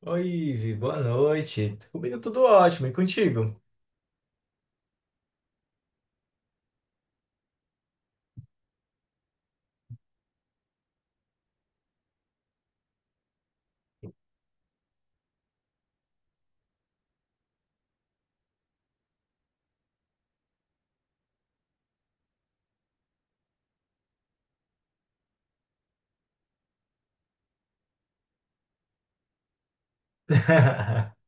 Oi, Ivi, boa noite. Comigo tudo ótimo, e contigo?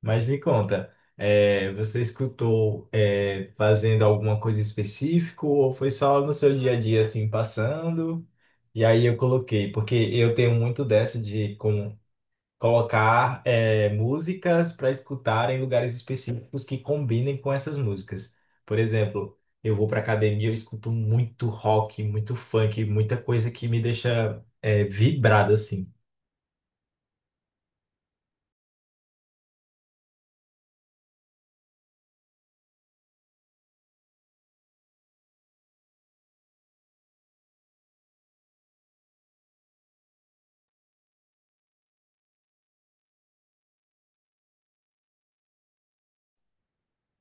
Mas me conta, você escutou fazendo alguma coisa específica ou foi só no seu dia a dia assim passando? E aí eu coloquei, porque eu tenho muito dessa de como colocar músicas para escutar em lugares específicos que combinem com essas músicas. Por exemplo, eu vou para academia, eu escuto muito rock, muito funk, muita coisa que me deixa vibrado assim.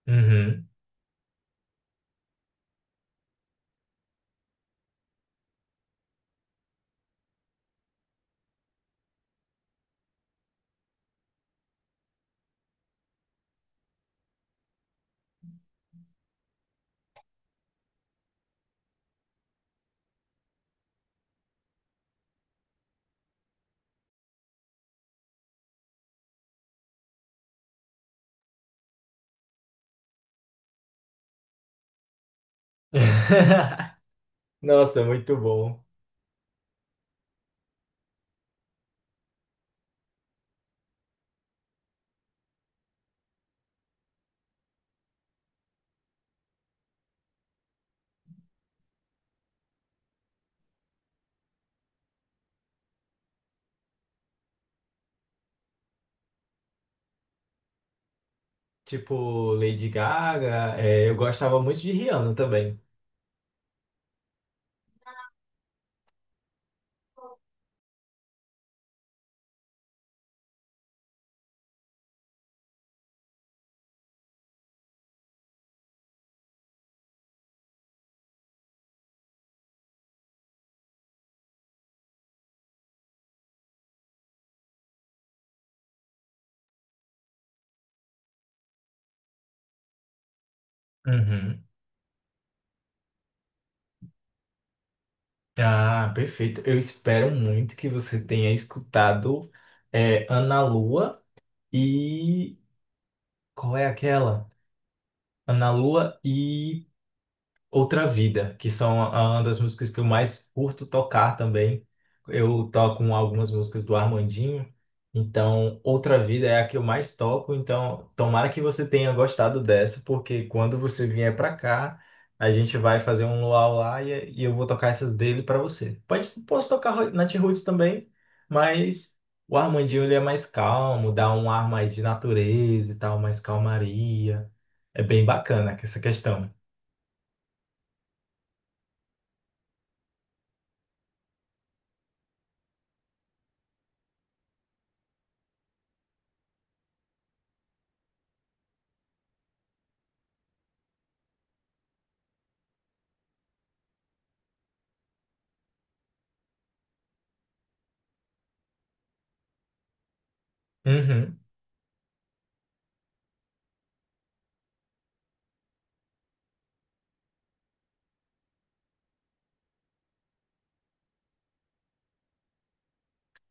Uhum. Nossa, muito bom. Tipo Lady Gaga, eu gostava muito de Rihanna também. Uhum. Ah, perfeito. Eu espero muito que você tenha escutado Ana Lua e qual é aquela? Na Lua e Outra Vida, que são uma das músicas que eu mais curto tocar também. Eu toco um, algumas músicas do Armandinho, então Outra Vida é a que eu mais toco, então tomara que você tenha gostado dessa, porque quando você vier para cá, a gente vai fazer um luau lá e eu vou tocar essas dele para você. Pode, posso tocar Nat Roots também, mas o Armandinho ele é mais calmo, dá um ar mais de natureza e tal, mais calmaria. É bem bacana essa questão. Uhum.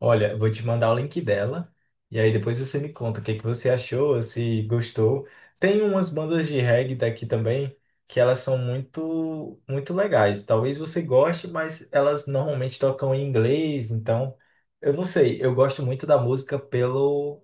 Olha, vou te mandar o link dela e aí depois você me conta o que que você achou, se gostou. Tem umas bandas de reggae daqui também que elas são muito muito legais. Talvez você goste, mas elas normalmente tocam em inglês, então eu não sei, eu gosto muito da música pelo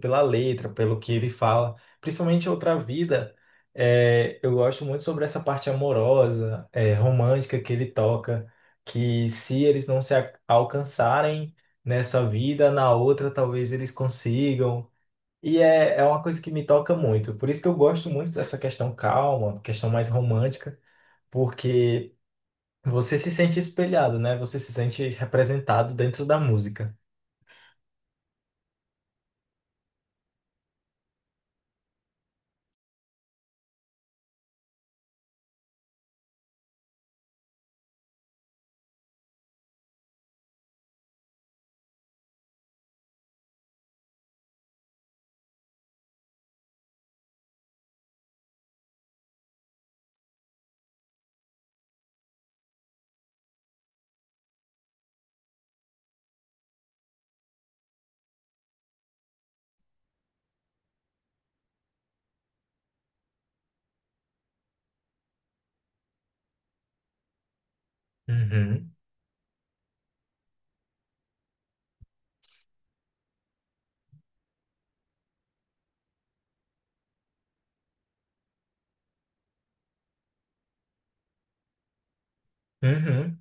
pela letra, pelo que ele fala, principalmente Outra Vida. Eu gosto muito sobre essa parte amorosa, romântica que ele toca, que se eles não se alcançarem nessa vida, na outra talvez eles consigam. E é uma coisa que me toca muito. Por isso que eu gosto muito dessa questão calma, questão mais romântica, porque você se sente espelhado, né? Você se sente representado dentro da música. Uhum. Uhum.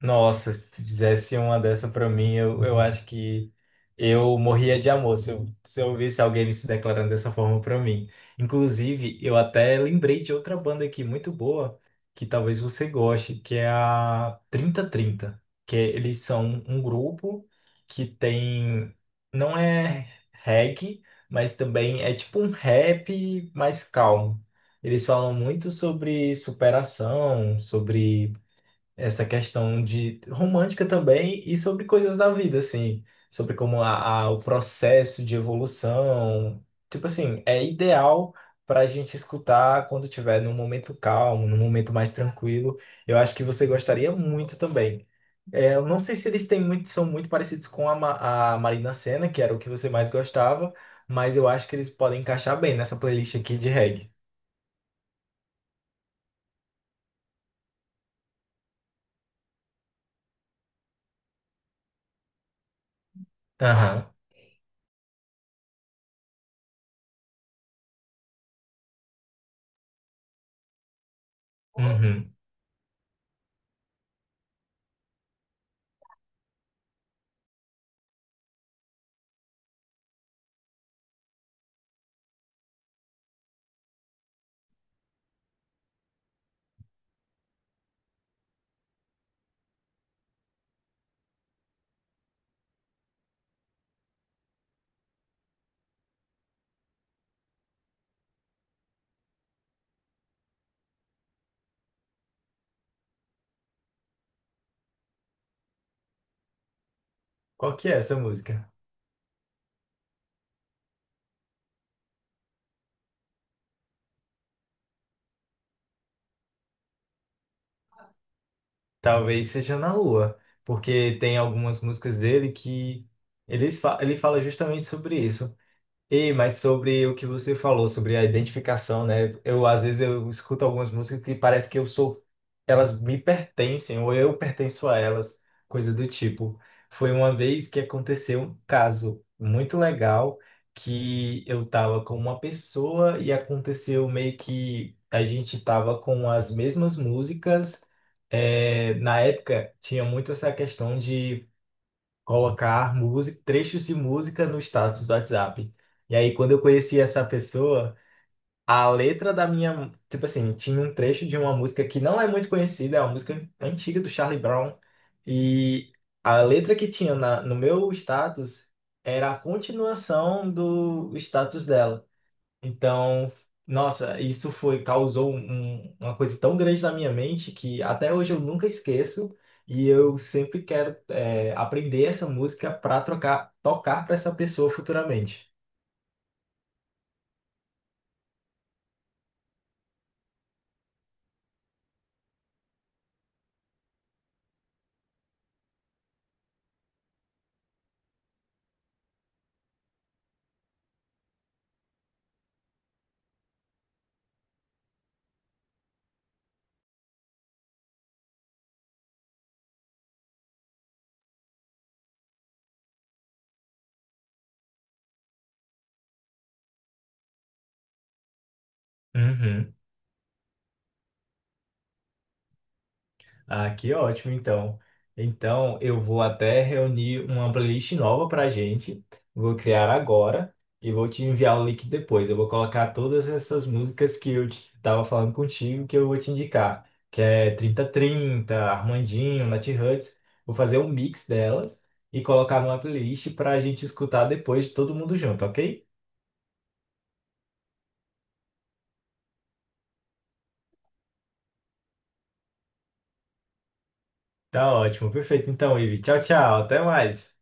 Nossa, se fizesse uma dessa pra mim, eu acho que eu morria de amor se eu, se eu visse alguém me se declarando dessa forma pra mim. Inclusive, eu até lembrei de outra banda aqui muito boa, que talvez você goste, que é a 3030 que é, eles são um grupo que tem, não é reggae, mas também é tipo um rap mais calmo. Eles falam muito sobre superação, sobre essa questão de romântica também e sobre coisas da vida, assim, sobre como o processo de evolução, tipo assim, é ideal para a gente escutar quando tiver num momento calmo, num momento mais tranquilo. Eu acho que você gostaria muito também. É, eu não sei se eles têm muito, são muito parecidos com a, a Marina Sena, que era o que você mais gostava, mas eu acho que eles podem encaixar bem nessa playlist aqui de reggae. Aham. Uhum. Qual que é essa música? Talvez seja Na Lua, porque tem algumas músicas dele que ele fala justamente sobre isso. E, mas sobre o que você falou, sobre a identificação, né? Eu, às vezes, eu escuto algumas músicas que parece que eu sou... Elas me pertencem, ou eu pertenço a elas, coisa do tipo. Foi uma vez que aconteceu um caso muito legal, que eu tava com uma pessoa e aconteceu meio que a gente tava com as mesmas músicas. É, na época, tinha muito essa questão de colocar música, trechos de música no status do WhatsApp. E aí, quando eu conheci essa pessoa, a letra da minha, tipo assim, tinha um trecho de uma música que não é muito conhecida, é uma música antiga do Charlie Brown, e a letra que tinha na, no meu status era a continuação do status dela. Então, nossa, isso foi, causou uma coisa tão grande na minha mente que até hoje eu nunca esqueço e eu sempre quero aprender essa música para trocar, tocar para essa pessoa futuramente. Uhum. Ah, que ótimo, então. Então, eu vou até reunir uma playlist nova pra gente. Vou criar agora e vou te enviar o link depois. Eu vou colocar todas essas músicas que eu tava falando contigo, que eu vou te indicar, que é 3030, Armandinho, Nat Hutz. Vou fazer um mix delas e colocar numa playlist pra gente escutar depois todo mundo junto, ok? Tá ótimo, perfeito. Então, Ivi, tchau, tchau, até mais.